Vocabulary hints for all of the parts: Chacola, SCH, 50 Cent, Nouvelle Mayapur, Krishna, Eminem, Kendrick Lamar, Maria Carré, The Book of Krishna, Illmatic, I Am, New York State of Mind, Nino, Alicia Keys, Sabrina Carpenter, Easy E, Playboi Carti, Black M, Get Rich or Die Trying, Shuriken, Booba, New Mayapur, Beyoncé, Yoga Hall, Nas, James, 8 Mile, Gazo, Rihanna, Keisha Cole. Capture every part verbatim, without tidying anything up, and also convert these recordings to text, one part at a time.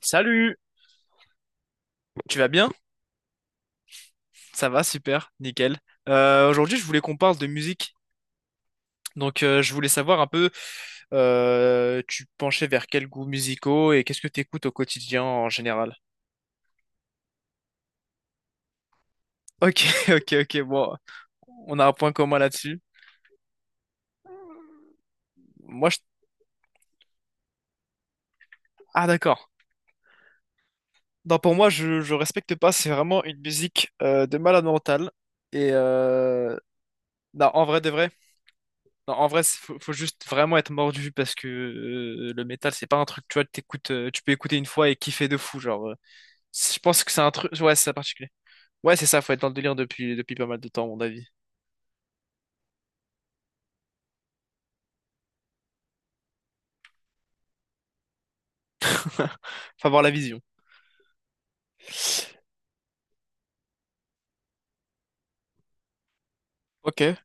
Salut, tu vas bien? Ça va, super, nickel. Euh, aujourd'hui, je voulais qu'on parle de musique. Donc, euh, je voulais savoir un peu, euh, tu penchais vers quels goûts musicaux et qu'est-ce que tu écoutes au quotidien en général? Ok, ok, ok, bon, on a un point commun là-dessus. Moi, je... Ah, d'accord. Non, pour moi, je, je respecte pas, c'est vraiment une musique euh, de malade mental. Et euh, non, en vrai de vrai, non, en vrai, c'est- faut, faut juste vraiment être mordu parce que euh, le métal, c'est pas un truc, tu vois, t'écoutes, euh, tu peux écouter une fois et kiffer de fou, genre. euh, c- Je pense que c'est un truc, ouais, c'est ça particulier. Ouais, c'est ça, faut être dans le délire depuis, depuis pas mal de temps, à mon avis. Faut avoir la vision. Ok.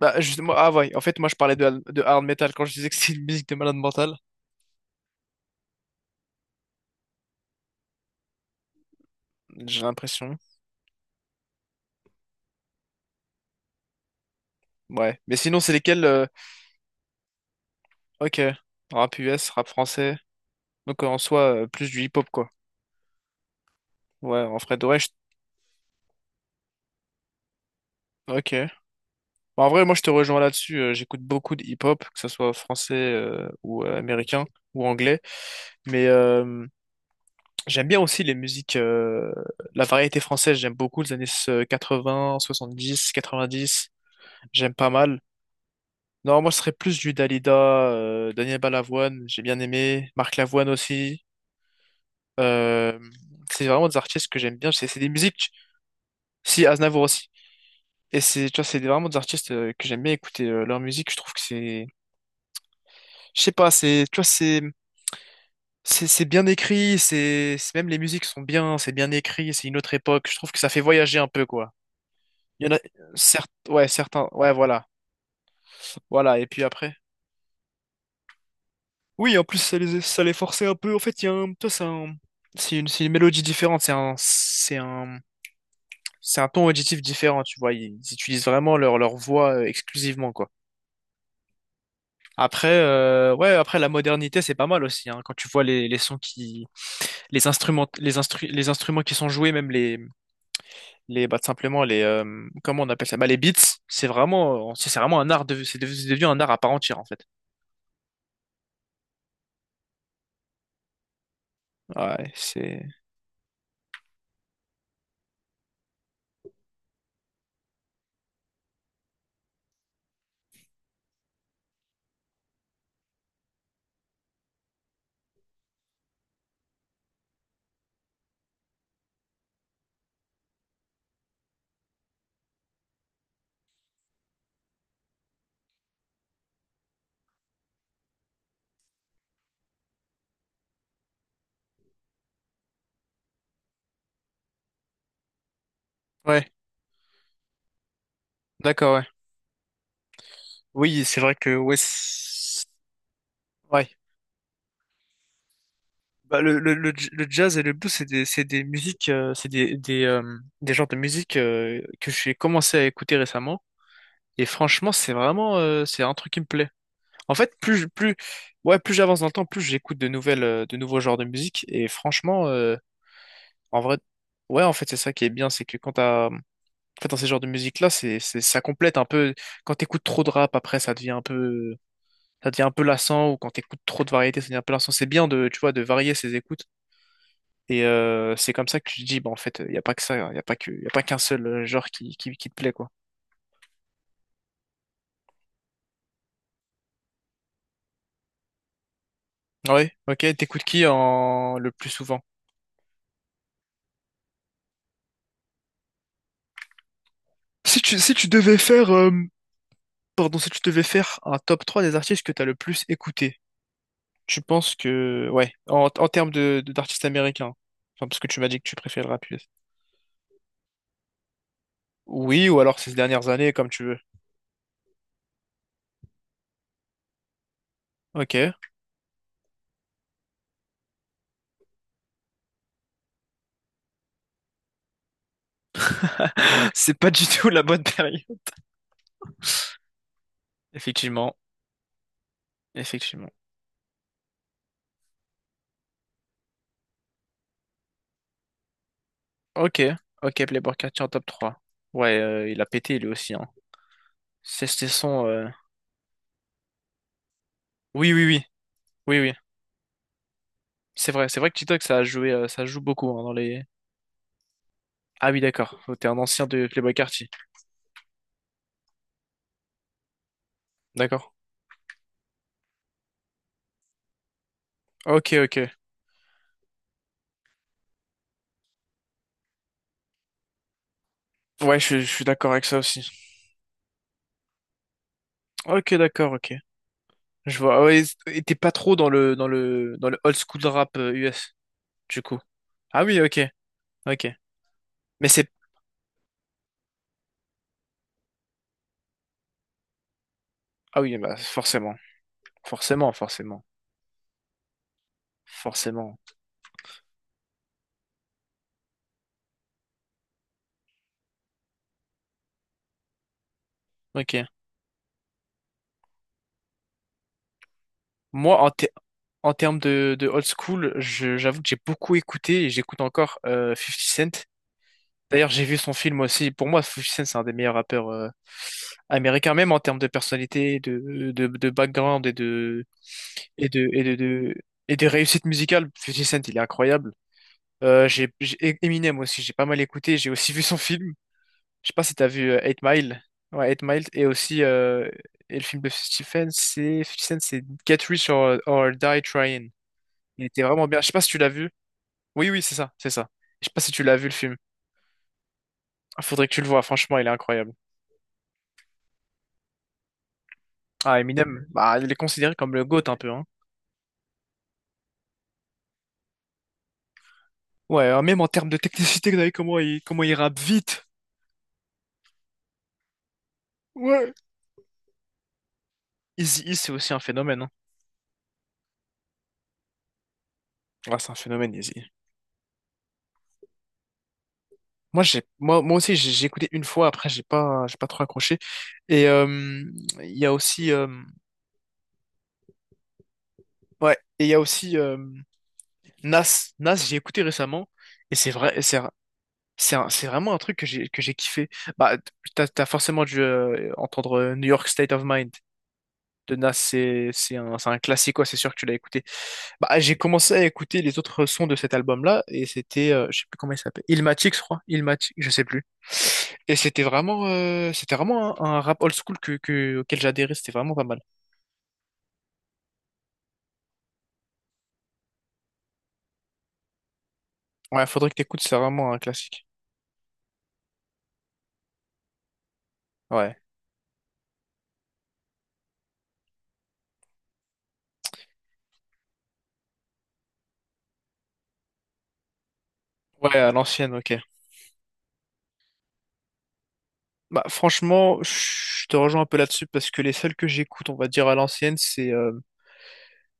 Bah, justement, ah ouais, en fait, moi, je parlais de, hard- de hard metal quand je disais que c'est une musique de malade mental. J'ai l'impression. Ouais. Mais sinon, c'est lesquels, euh, ok, rap U S, rap français. Donc, en soi, euh, plus du hip-hop, quoi. Ouais, en vrai, ouais, je- ok. Bah, en vrai, moi, je te rejoins là-dessus. Euh, j'écoute beaucoup de hip-hop, que ce soit français euh, ou euh, américain ou anglais. Mais euh, j'aime bien aussi les musiques, euh, la variété française. J'aime beaucoup les années euh, quatre-vingts, soixante-dix, quatre-vingt-dix. J'aime pas mal. Non, moi, ce serait plus du Dalida, euh, Daniel Balavoine. J'ai bien aimé. Marc Lavoine aussi. Euh, c'est vraiment des artistes que j'aime bien. C'est c'est des musiques. Si, Aznavour aussi. Et c'est, tu vois, c'est vraiment des artistes euh, que j'aime bien écouter euh, leur musique. Je trouve que c'est je sais pas, c'est, tu vois, c'est, C'est c'est bien écrit, c'est c'est- même les musiques sont bien, c'est bien écrit, c'est une autre époque. Je trouve que ça fait voyager un peu quoi. Il y en a certes, ouais, certains, ouais, voilà, voilà. Et puis après, oui, en plus ça les ça les forçait un peu. En fait, il y a un, tu c'est un- c'est une c'est une mélodie différente, c'est un c'est un c'est un ton auditif différent, tu vois. Ils, ils utilisent vraiment leur leur voix euh, exclusivement quoi. Après, euh, ouais, après la modernité c'est pas mal aussi. Hein. Quand tu vois les les sons qui les instruments les instru- les instruments qui sont joués, même les les bah, tout simplement les euh, comment on appelle ça? Bah, les beats, c'est vraiment euh, c'est c'est vraiment un art de c'est devenu c'est devenu un art à part entière en fait. Ouais, c'est ouais, d'accord, ouais. Oui, c'est vrai que ouais, c'est- ouais. Bah, le, le, le, j- le jazz et le blues, c'est des, c'est des musiques, euh, c'est des, des, euh, des genres de musique euh, que j'ai commencé à écouter récemment. Et franchement, c'est vraiment, euh, c'est un truc qui me plaît. En fait, plus, je- plus, ouais, plus j'avance dans le temps, plus j'écoute de nouvelles, euh, de nouveaux genres de musique. Et franchement, euh, en vrai, ouais, en fait, c'est ça qui est bien, c'est que quand t'as, en fait, dans ces genres de musique-là, c'est, c'est, ça complète un peu. Quand t'écoutes trop de rap, après, ça devient un peu, ça devient un peu lassant, ou quand t'écoutes trop de variété, ça devient un peu lassant. C'est bien de, tu vois, de varier ses écoutes. Et euh, c'est comme ça que tu te dis, bah, en fait, il y a pas que ça, il y a pas que, y a pas qu'un seul euh, genre qui, qui, qui te plaît, quoi. Ouais, ok. T'écoutes qui en le plus souvent? Si tu, si tu devais faire, euh, pardon, si tu devais faire un top trois des artistes que t'as le plus écouté, tu penses que, ouais, en, en termes de, de- d'artistes américains, enfin, parce que tu m'as dit que tu préfères le rap U S. Oui, ou alors ces dernières années, comme tu veux. Ok. C'est pas du tout la bonne période. Effectivement, effectivement. Ok, ok, Playboi Carti en top trois. Ouais, euh, il a pété lui aussi, hein. C'est c'est son... euh, oui, oui, oui, oui, oui. C'est vrai, c'est vrai que TikTok, ça a joué, euh, ça joue beaucoup hein, dans les... Ah oui, d'accord. Oh, t'es un ancien de Playboi Carti. D'accord. Ok, ok. Ouais, je, je suis d'accord avec ça aussi. Ok, d'accord, ok. Je vois. Ouais, et t'es pas trop dans le dans le dans le old school rap euh, U S, du coup. Ah oui, ok, ok. Mais c'est ah oui, bah forcément, forcément, forcément, forcément. Ok. Moi, en ter- en termes de, de old school, je- j'avoue que j'ai beaucoup écouté et j'écoute encore euh, fifty Cent. D'ailleurs, j'ai vu son film aussi. Pour moi, Fifty Cent, c'est un des meilleurs rappeurs euh, américains, même en termes de personnalité, de, de, de background et de et de et de, de- et de réussite musicale. Fifty Cent, il est incroyable. Euh, j'ai j'ai- Eminem aussi, j'ai pas mal écouté, j'ai aussi vu son film. Je sais pas si t'as vu euh, eight Mile. Ouais, Eight Mile et aussi euh, et le film de fifty Cent, c'est fifty Cent, c'est Get Rich or, or Die Trying. Il était vraiment bien. Je sais pas si tu l'as vu. Oui, oui, c'est ça, c'est ça. Je sais pas si tu l'as vu le film. Ah, faudrait que tu le vois, franchement, il est incroyable. Ah, Eminem, bah, il est considéré comme le GOAT un peu, hein. Ouais, euh, même en termes de technicité, vous avez comment il, comment il rappe vite. Ouais. Easy E, c'est aussi un phénomène, hein. Ah, c'est un phénomène, Easy. E. Moi, j'ai, moi, moi aussi, j'ai j'ai écouté une fois. Après, j'ai pas, j'ai pas trop accroché. Et euh, il y a aussi, euh, ouais, et il y a aussi euh, Nas. Nas, j'ai écouté récemment. Et c'est vrai, c'est, c'est, un- c'est vraiment un truc que j'ai, que j'ai kiffé. Bah, t'as, t'as forcément dû euh, entendre euh, New York State of Mind de Nas. C'est, c'est un, c'est un classique, quoi. C'est sûr que tu l'as écouté. Bah, j'ai commencé à écouter les autres sons de cet album-là, et c'était, euh, je sais plus comment il s'appelle, Illmatic, je crois, Illmatic, je sais plus. Et c'était vraiment, euh, c'était vraiment un, un rap old school que, que- auquel j'adhérais, c'était vraiment pas mal. Ouais, faudrait que t'écoutes, c'est vraiment un classique. Ouais. Ouais, à l'ancienne, ok. Bah, franchement, je te rejoins un peu là-dessus parce que les seuls que j'écoute, on va dire à l'ancienne, c'est euh,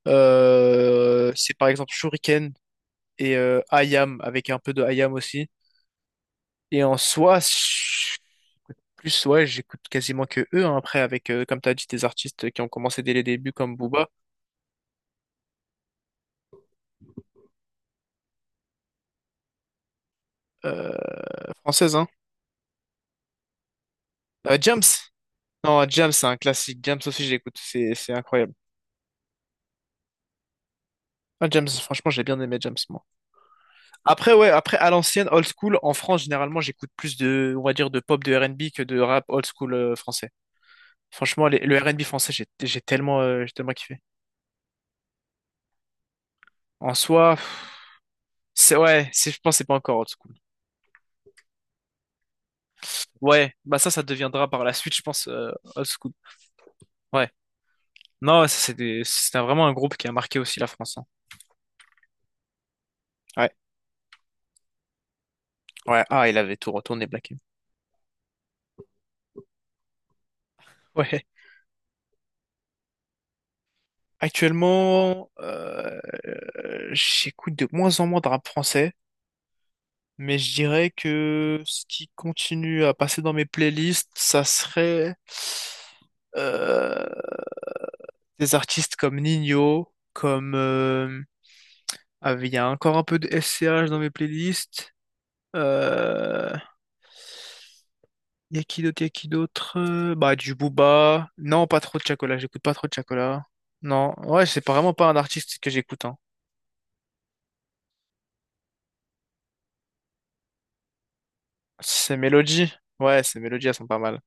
euh, c'est par exemple Shuriken et euh, I Am avec un peu de I Am aussi. Et en soi, je- j'écoute plus, ouais, j'écoute quasiment que eux. Hein. Après, avec, euh, comme t'as dit, des artistes qui ont commencé dès les débuts, comme Booba, euh, française, hein. Euh, James. Non, James, c'est un classique. James aussi, j'écoute. C'est, c'est incroyable. Ah, James, franchement, j'ai bien aimé James, moi. Après, ouais, après, à l'ancienne, old school, en France, généralement, j'écoute plus de, on va dire, de pop, de R and B que de rap old school euh, français. Franchement, les- le R and B français, j'ai j'ai tellement, euh, j'ai tellement kiffé. En soi, pff, c'est, ouais, c'est, je pense, que c'est pas encore old school. Ouais, bah ça, ça deviendra par la suite, je pense, euh, old school. Ouais. Non, ouais, ça, c'est des- c'était vraiment un groupe qui a marqué aussi la France. Hein. Ouais, ouais, ah, il avait tout retourné, Black M. Ouais. Actuellement, euh, j'écoute de moins en moins de rap français, mais je dirais que ce qui continue à passer dans mes playlists, ça serait euh, des artistes comme Nino, comme euh, ah, il y a encore un peu de S C H dans mes playlists. Euh, Y a qui d'autre, y a qui d'autre? euh, Bah, du Booba. Non, pas trop de Chacola, j'écoute pas trop de Chacola. Non, ouais, c'est pas- vraiment pas un artiste que j'écoute, hein. C'est Mélodie. Ouais, ces mélodies, elles sont pas mal.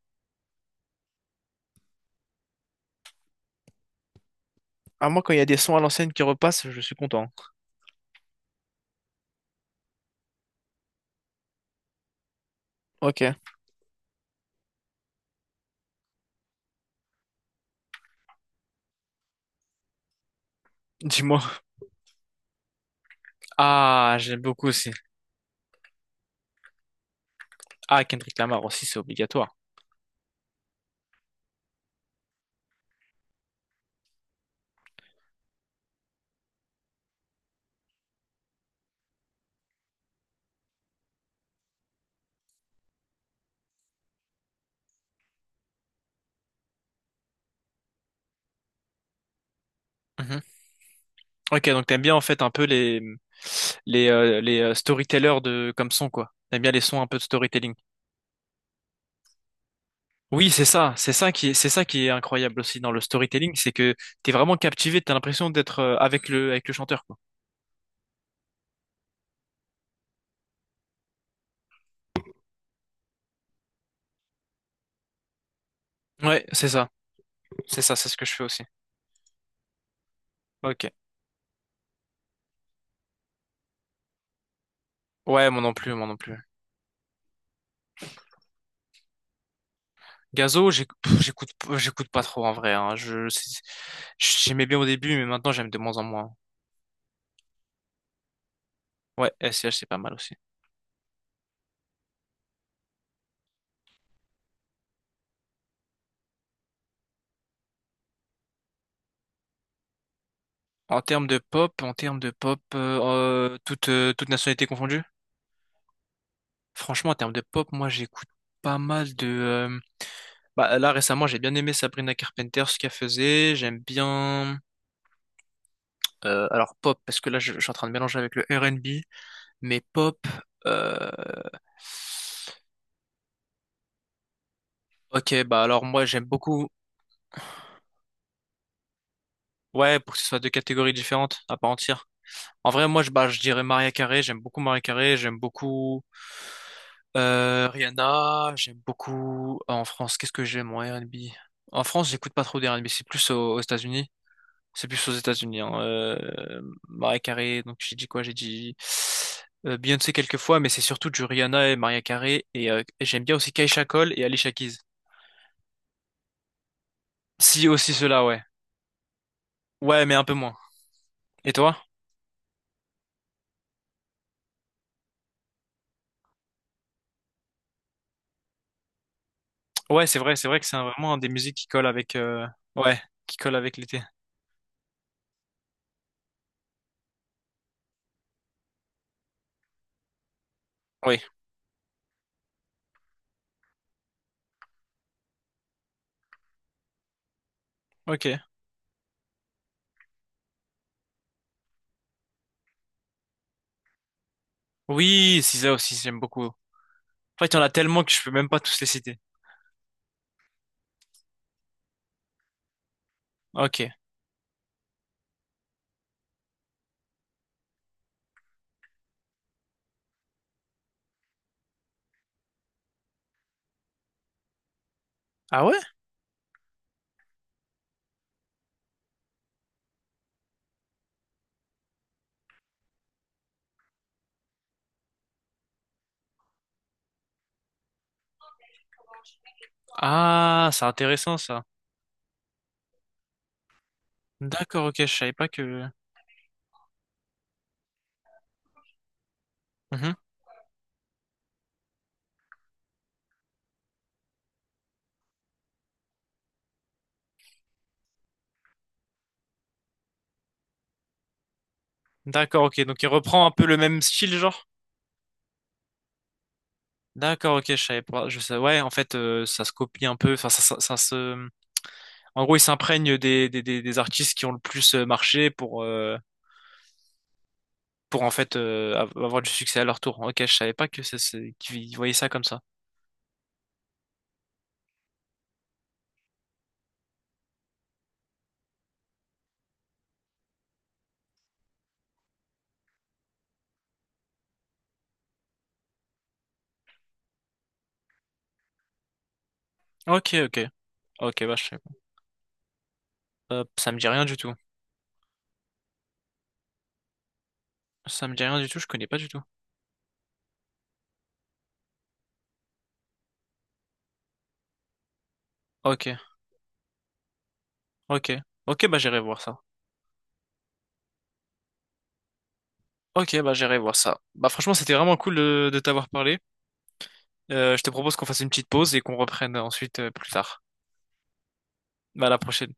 À moi, quand il y a des sons à l'ancienne qui repassent, je suis content. Ok, dis-moi. Ah, j'aime beaucoup aussi. Ah, Kendrick Lamar aussi, c'est obligatoire. Mhm. Ok, donc t'aimes bien en fait un peu les les euh, les euh, storytellers de comme son quoi. T'aimes bien les sons un peu de storytelling. Oui, c'est ça, c'est ça qui est, c'est ça qui est incroyable aussi dans le storytelling, c'est que t'es vraiment captivé, t'as l'impression d'être euh, avec le avec le chanteur quoi. Ouais, c'est ça, c'est ça, c'est ce que je fais aussi. Ok. Ouais, moi non plus, moi non plus. Gazo, j'éc- pff, j'écoute, p- j'écoute pas trop en vrai. Hein. Je, c'est- j'aimais bien au début, mais maintenant j'aime de moins en moins. Ouais, S C H c'est pas mal aussi. En termes de pop, en termes de pop, euh, euh, toute, euh, toute nationalité confondue. Franchement, en termes de pop, moi j'écoute pas mal de. euh, Bah là récemment, j'ai bien aimé Sabrina Carpenter ce qu'elle faisait. J'aime bien. euh, alors pop, parce que là je, je suis en train de mélanger avec le R and B. Mais pop. euh, Ok, bah alors moi j'aime beaucoup. Ouais, pour que ce soit deux catégories différentes, à part entière. En vrai, moi, je, bah, je dirais Maria Carré. J'aime beaucoup Maria Carré. J'aime beaucoup euh, Rihanna. J'aime beaucoup... euh, en France, qu'est-ce que j'aime en R and B? En France, j'écoute pas trop d'R and B. C'est plus aux, aux États-Unis. C'est plus aux États-Unis. Hein. Euh, Mariah Carey, donc j'ai dit quoi? J'ai dit euh, Beyoncé quelques fois, mais c'est surtout du Rihanna et Maria Carey. Et euh, j'aime bien aussi Keisha Cole et Alicia Keys. Si, aussi cela, ouais. Ouais, mais un peu moins. Et toi? Ouais, c'est vrai, c'est vrai que c'est un- vraiment un des musiques qui colle avec, euh, ouais, qui colle avec l'été. Oui. Ok. Oui, c'est ça aussi, j'aime beaucoup. En fait, il y en a tellement que je peux même pas tous les citer. Ok. Ah ouais? Ah, c'est intéressant ça. D'accord, ok, je savais pas que. Mhm. D'accord, ok. Donc il reprend un peu le même style, genre. D'accord, ok, je savais pas. Je sais. Ouais, en fait, euh, ça se copie un peu. Enfin, ça, ça, ça se. En gros, ils s'imprègnent des, des, des, des artistes qui ont le plus euh, marché pour, euh, pour en fait euh, av- avoir du succès à leur tour. Ok, je savais pas que ça, c'est- qu'ils voyaient ça comme ça. Ok, ok. Ok, bah je sais pas. Euh, ça me dit rien du tout. Ça me dit rien du tout, je connais pas du tout. Ok, ok. Ok, bah j'irai voir ça. Ok, bah j'irai voir ça. Bah franchement, c'était vraiment cool euh, de t'avoir parlé. Euh, je te propose qu'on fasse une petite pause et qu'on reprenne ensuite euh, plus tard. Bah à la prochaine.